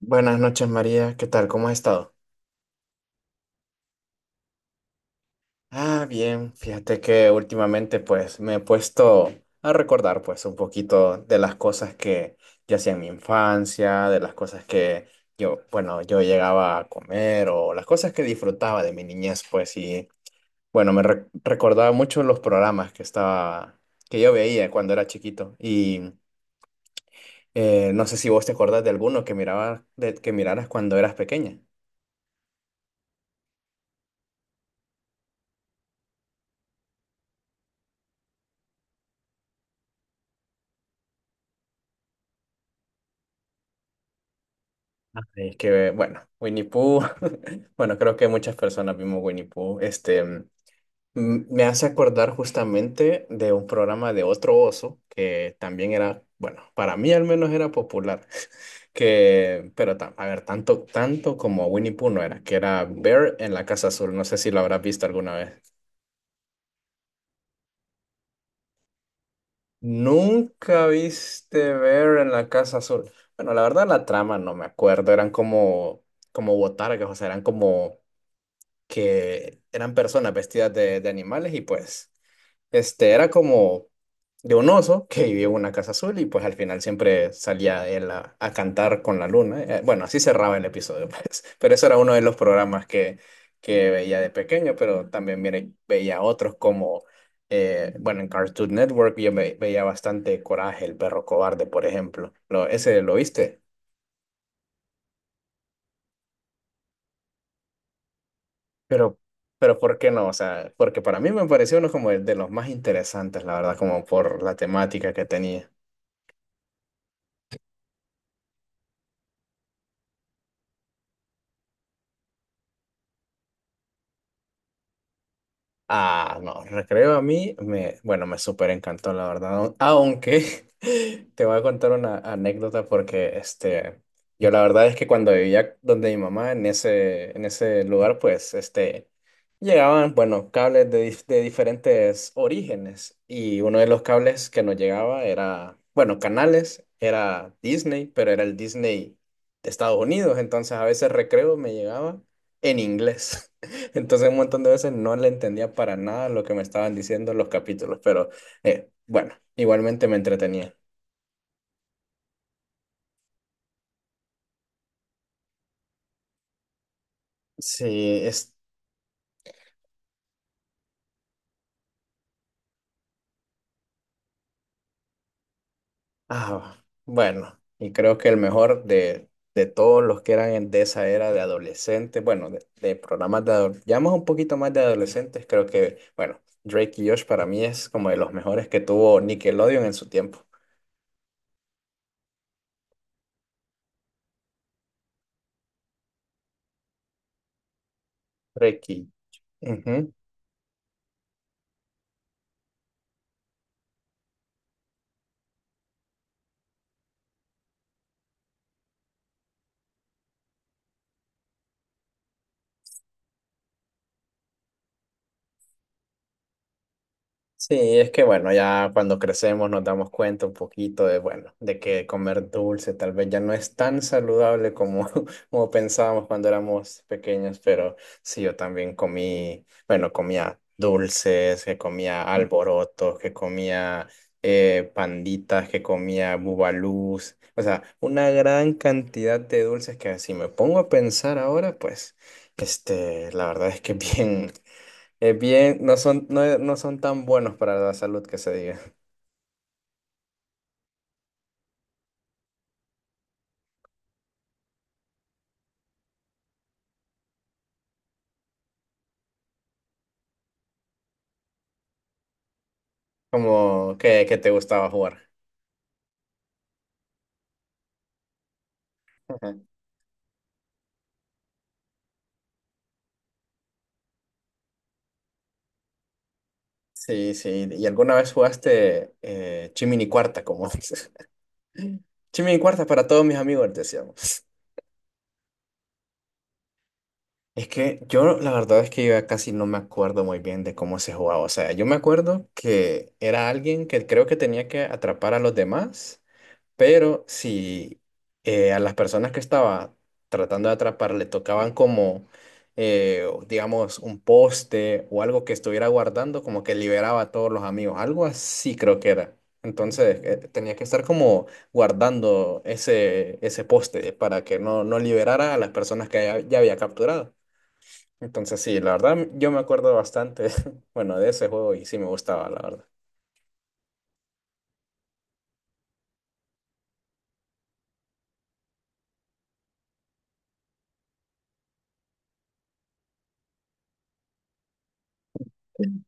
Buenas noches, María. ¿Qué tal? ¿Cómo has estado? Ah, bien. Fíjate que últimamente pues me he puesto a recordar pues un poquito de las cosas que yo hacía en mi infancia, de las cosas que yo, bueno, yo llegaba a comer o las cosas que disfrutaba de mi niñez pues. Y bueno, recordaba mucho los programas que estaba, que yo veía cuando era chiquito. Y no sé si vos te acordás de alguno que miraba, que miraras cuando eras pequeña. Es que, bueno, Winnie Pooh, bueno, creo que muchas personas vimos Winnie Pooh. Este, me hace acordar justamente de un programa de otro oso que también era, bueno, para mí al menos era popular, que, pero a ver, tanto como Winnie Pooh no era, que era Bear en la Casa Azul. No sé si lo habrás visto alguna vez. ¿Nunca viste Bear en la Casa Azul? Bueno, la verdad la trama no me acuerdo, eran como, como botargas, o sea, eran como que eran personas vestidas de animales y pues este era como de un oso que vivía en una casa azul y pues al final siempre salía él a cantar con la luna. Bueno, así cerraba el episodio, pues. Pero eso era uno de los programas que veía de pequeño, pero también mire, veía otros como, bueno, en Cartoon Network yo veía bastante Coraje, el perro cobarde, por ejemplo. Lo, ¿ese lo viste? Pero, pero ¿por qué no? O sea, porque para mí me pareció uno como de los más interesantes, la verdad, como por la temática que tenía. Ah, no, recreo a mí, me, bueno, me súper encantó, la verdad. Aunque te voy a contar una anécdota porque este, yo la verdad es que cuando vivía donde mi mamá, en ese lugar, pues este, llegaban, bueno, cables de, de diferentes orígenes. Y uno de los cables que nos llegaba era, bueno, canales, era Disney, pero era el Disney de Estados Unidos. Entonces a veces recreo me llegaba en inglés. Entonces un montón de veces no le entendía para nada lo que me estaban diciendo los capítulos, pero bueno, igualmente me entretenía. Sí, es... Ah, bueno, y creo que el mejor de todos los que eran de esa era de adolescentes, bueno, de programas de adolescentes, ya más un poquito más de adolescentes, creo que, bueno, Drake y Josh para mí es como de los mejores que tuvo Nickelodeon en su tiempo. Drake y... Ujú. Sí, es que bueno, ya cuando crecemos nos damos cuenta un poquito de, bueno, de que comer dulce tal vez ya no es tan saludable como, como pensábamos cuando éramos pequeños, pero sí, yo también comí, bueno, comía dulces, que comía alborotos, que comía panditas, que comía bubalús, o sea, una gran cantidad de dulces que si me pongo a pensar ahora, pues, este, la verdad es que bien. Bien, no son, no, no son tan buenos para la salud que se diga. Como que te gustaba jugar. Ajá. Sí, sí. ¿Y alguna vez jugaste Chimini Cuarta, como dices? Chimini Cuarta para todos mis amigos, decíamos. Es que yo, la verdad es que yo ya casi no me acuerdo muy bien de cómo se jugaba. O sea, yo me acuerdo que era alguien que creo que tenía que atrapar a los demás. Pero si a las personas que estaba tratando de atrapar le tocaban como, digamos, un poste o algo que estuviera guardando, como que liberaba a todos los amigos, algo así creo que era. Entonces tenía que estar como guardando ese, ese poste para que no, no liberara a las personas que ya, ya había capturado. Entonces sí, la verdad yo me acuerdo bastante, bueno, de ese juego y sí me gustaba, la verdad.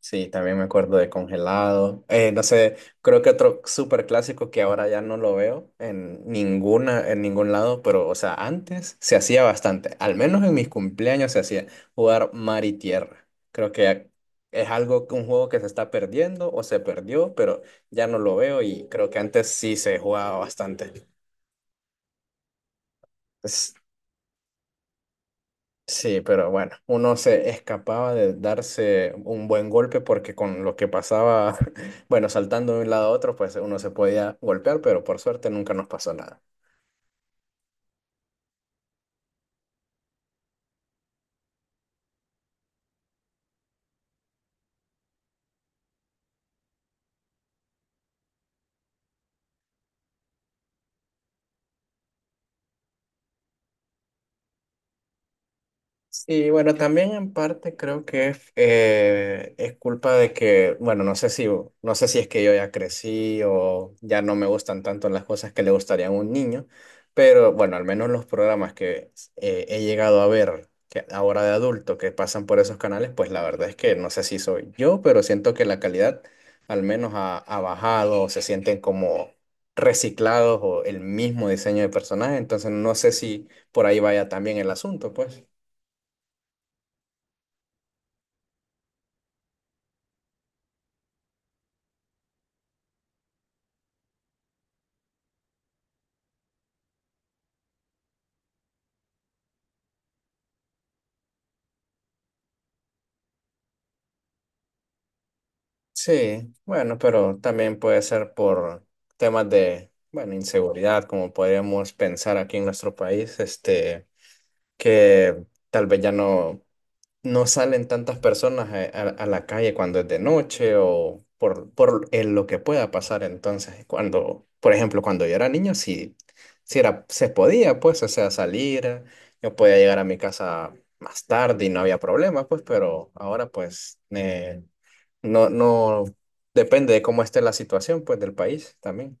Sí, también me acuerdo de Congelado. No sé, creo que otro súper clásico que ahora ya no lo veo en ninguna, en ningún lado, pero, o sea, antes se hacía bastante. Al menos en mis cumpleaños se hacía jugar mar y tierra. Creo que es algo, un juego que se está perdiendo o se perdió, pero ya no lo veo y creo que antes sí se jugaba bastante. Sí, pero bueno, uno se escapaba de darse un buen golpe porque con lo que pasaba, bueno, saltando de un lado a otro, pues uno se podía golpear, pero por suerte nunca nos pasó nada. Sí, bueno, también en parte creo que es culpa de que, bueno, no sé si, no sé si es que yo ya crecí o ya no me gustan tanto las cosas que le gustarían a un niño, pero bueno, al menos los programas que he llegado a ver que ahora de adulto que pasan por esos canales, pues la verdad es que no sé si soy yo, pero siento que la calidad al menos ha, ha bajado o se sienten como reciclados o el mismo diseño de personaje, entonces no sé si por ahí vaya también el asunto, pues. Sí, bueno, pero también puede ser por temas de, bueno, inseguridad, como podríamos pensar aquí en nuestro país, este, que tal vez ya no, no salen tantas personas a, a la calle cuando es de noche o por lo que pueda pasar. Entonces, cuando, por ejemplo, cuando yo era niño, sí, sí era, se podía, pues, o sea, salir, yo podía llegar a mi casa más tarde y no había problema, pues, pero ahora, pues, no, no, depende de cómo esté la situación, pues, del país también.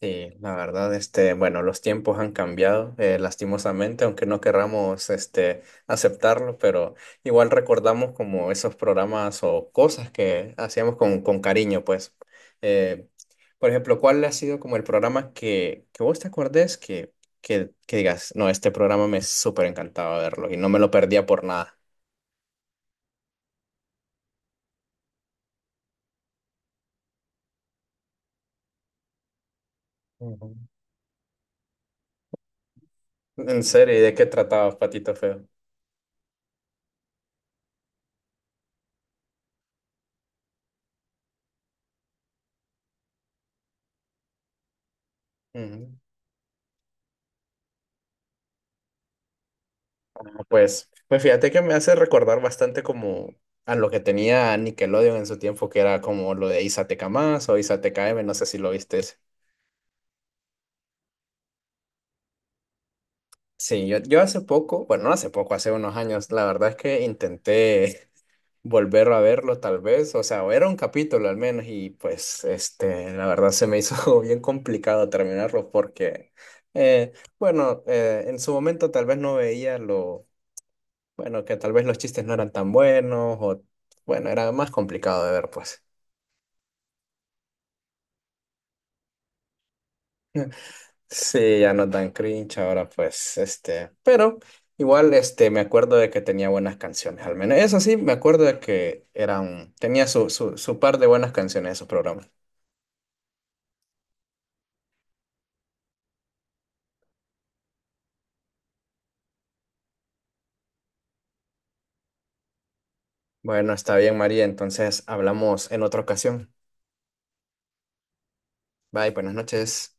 Sí, la verdad, este, bueno, los tiempos han cambiado, lastimosamente, aunque no querramos, este, aceptarlo, pero igual recordamos como esos programas o cosas que hacíamos con cariño, pues. Eh, por ejemplo, ¿cuál ha sido como el programa que vos te acordés que digas, no, este programa me súper encantaba verlo y no me lo perdía por nada? Ujú. En serio, ¿y de qué trataba Patito Feo? Ujú. No, pues, pues fíjate que me hace recordar bastante como a lo que tenía Nickelodeon en su tiempo, que era como lo de Isateca más o Isateca M, no sé si lo viste. Sí, yo hace poco, bueno, no hace poco, hace unos años, la verdad es que intenté volver a verlo tal vez, o sea, o era un capítulo al menos y pues, este, la verdad se me hizo bien complicado terminarlo porque, eh, bueno, en su momento tal vez no veía lo bueno, que tal vez los chistes no eran tan buenos o, bueno, era más complicado de ver, pues. Sí, ya no tan cringe ahora, pues, este, pero igual, este, me acuerdo de que tenía buenas canciones, al menos. Eso sí, me acuerdo de que eran, tenía su, su, su par de buenas canciones esos programas. Bueno, está bien, María, entonces hablamos en otra ocasión. Bye, buenas noches.